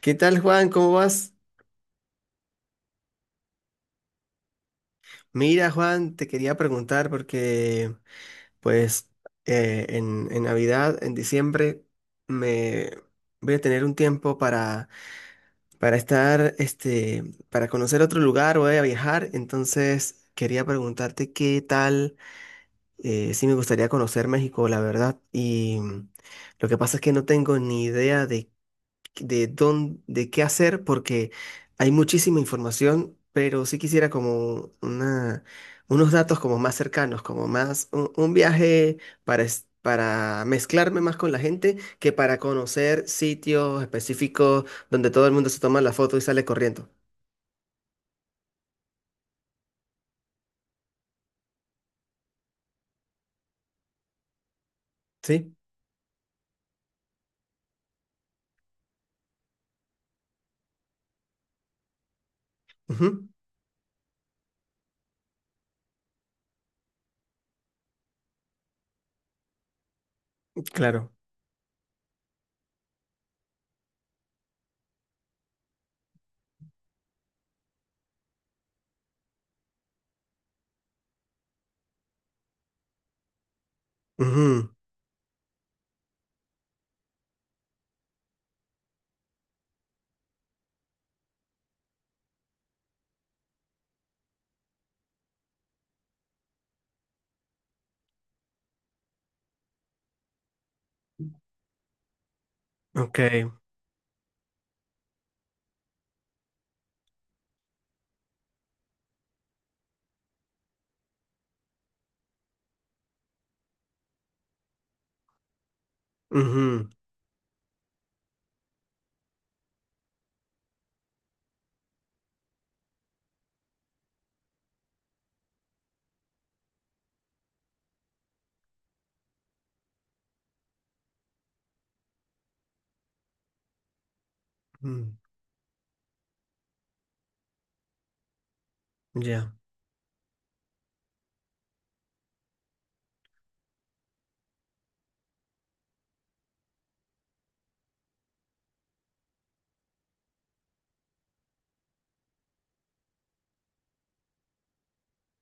¿Qué tal, Juan? ¿Cómo vas? Mira, Juan, te quería preguntar porque, pues, en Navidad, en diciembre, me voy a tener un tiempo para estar, este, para conocer otro lugar, voy a viajar, entonces quería preguntarte qué tal, si me gustaría conocer México, la verdad, y lo que pasa es que no tengo ni idea de dónde, de qué hacer, porque hay muchísima información, pero sí quisiera como una, unos datos como más cercanos, como más un viaje para, para mezclarme más con la gente que para conocer sitios específicos donde todo el mundo se toma la foto y sale corriendo. ¿Sí? Ujú. Claro. Ujú. Ok. Ujú. Ujú. Ya.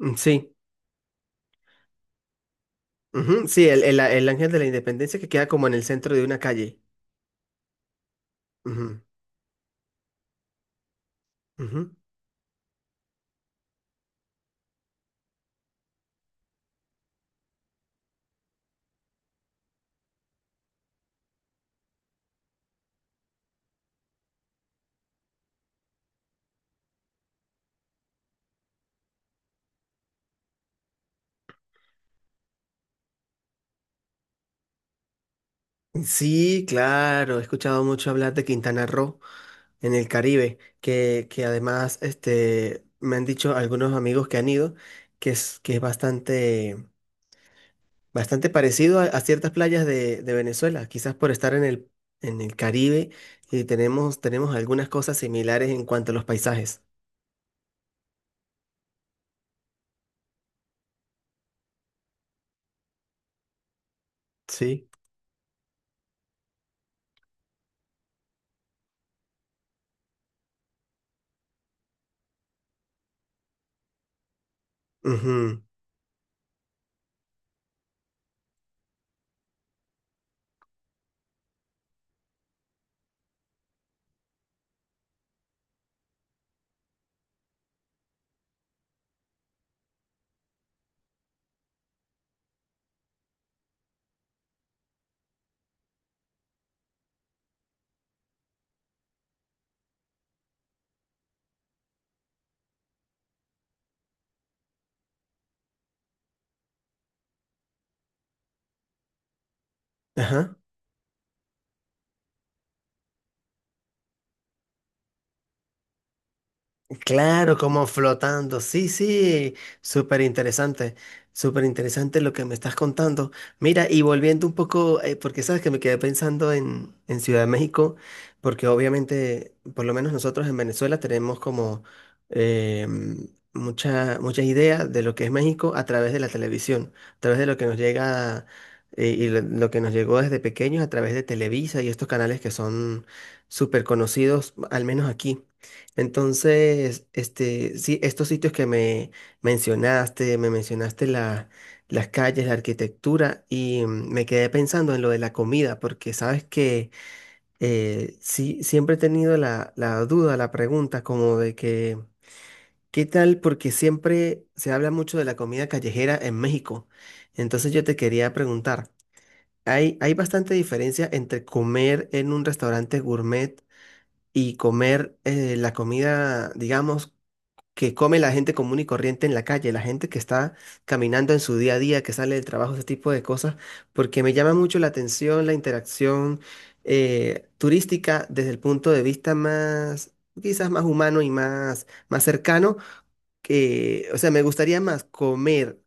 Mm, sí. Ujú. Sí, el Ángel de la Independencia que queda como en el centro de una calle. Ujú, ujú. Sí, claro, he escuchado mucho hablar de Quintana Roo en el Caribe, que además este, me han dicho algunos amigos que han ido que es bastante, bastante parecido a ciertas playas de Venezuela, quizás por estar en el Caribe y tenemos, tenemos algunas cosas similares en cuanto a los paisajes. Sí. Ujú. Ajá. Claro, como flotando. Sí, sí, súper interesante, súper interesante lo que me estás contando. Mira, y volviendo un poco, porque sabes que me quedé pensando en Ciudad de México, porque obviamente, por lo menos nosotros en Venezuela tenemos como eh, mm, mucha, mucha idea de lo que es México a través de la televisión, a través de lo que nos llega y lo que nos llegó desde pequeños a través de Televisa y estos canales que son súper conocidos, al menos aquí. Entonces, este, sí, estos sitios que me mencionaste las calles, la arquitectura, y me quedé pensando en lo de la comida, porque sabes que sí, siempre he tenido la, la duda, la pregunta, como de que, ¿qué tal? Porque siempre se habla mucho de la comida callejera en México. Entonces yo te quería preguntar, ¿hay, hay bastante diferencia entre comer en un restaurante gourmet y comer, la comida, digamos, que come la gente común y corriente en la calle, la gente que está caminando en su día a día, que sale del trabajo, ese tipo de cosas? Porque me llama mucho la atención la interacción turística desde el punto de vista más, quizás más humano y más, más cercano, que, o sea, me gustaría más comer,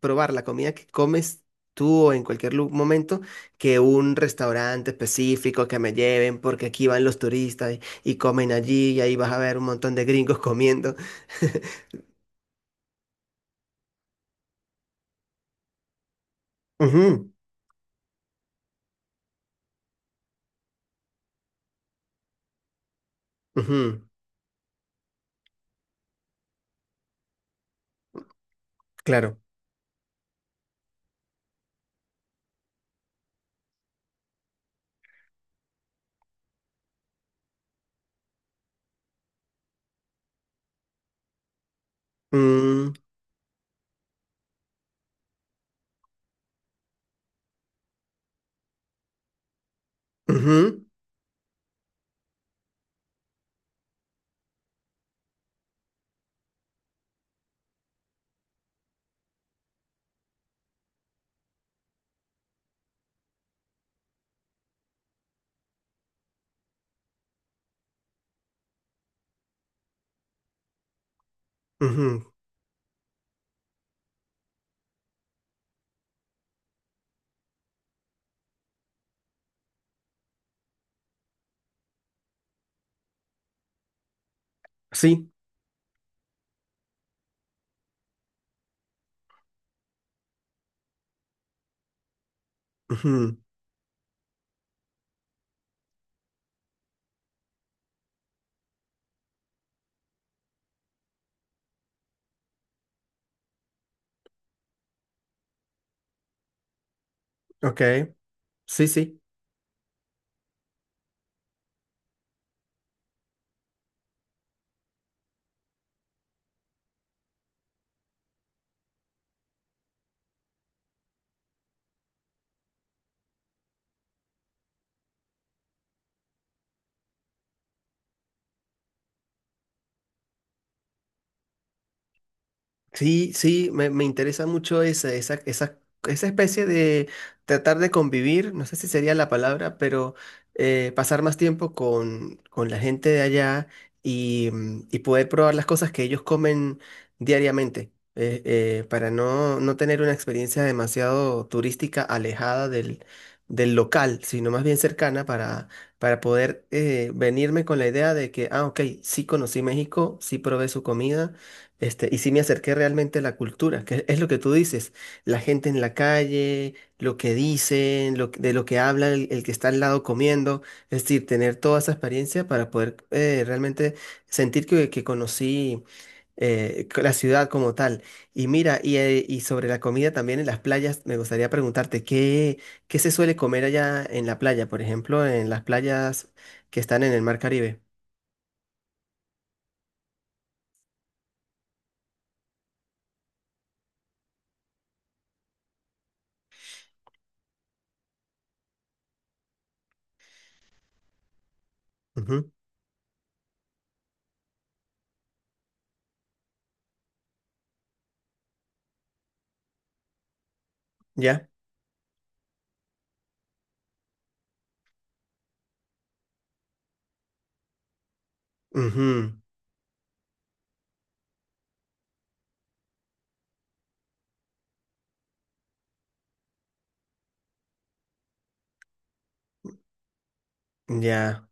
probar la comida que comes tú o en cualquier momento que un restaurante específico que me lleven porque aquí van los turistas y comen allí y ahí vas a ver un montón de gringos comiendo. Ujú, ujú, claro. Mm, ujú, ujú, sí, ujú, ok, sí, sí. Sí, sí, me interesa mucho esa, esa, esa, esa especie de tratar de convivir, no sé si sería la palabra, pero pasar más tiempo con la gente de allá y, y poder probar las cosas que ellos comen diariamente, para no, no tener una experiencia demasiado turística alejada del, del local, sino más bien cercana para poder, venirme con la idea de que, ah, ok, sí conocí México, sí probé su comida, este, y sí me acerqué realmente a la cultura, que es lo que tú dices, la gente en la calle, lo que dicen, lo, de lo que habla el que está al lado comiendo, es decir, tener toda esa experiencia para poder, realmente sentir que conocí, la ciudad como tal. Y mira, y sobre la comida también en las playas, me gustaría preguntarte, ¿qué, qué se suele comer allá en la playa, por ejemplo, en las playas que están en el Mar Caribe? Ujú. ¿Ya? Ujú. Ya.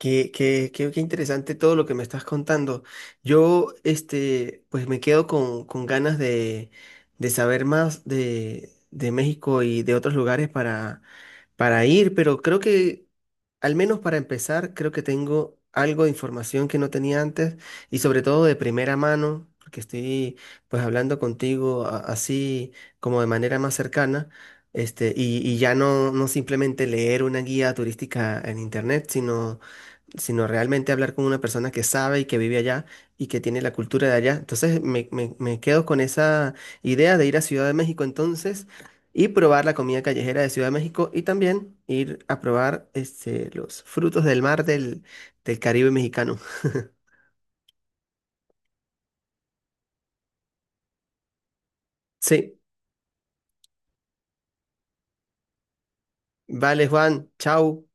Qué, qué interesante todo lo que me estás contando. Yo, este, pues me quedo con ganas de saber más de México y de otros lugares para ir, pero creo que, al menos para empezar, creo que tengo algo de información que no tenía antes y sobre todo de primera mano, porque estoy pues hablando contigo así como de manera más cercana. Este, y ya no, no simplemente leer una guía turística en internet, sino sino realmente hablar con una persona que sabe y que vive allá y que tiene la cultura de allá. Entonces me, me quedo con esa idea de ir a Ciudad de México entonces y probar la comida callejera de Ciudad de México y también ir a probar este, los frutos del mar del, del Caribe mexicano. Sí, vale Juan, chao.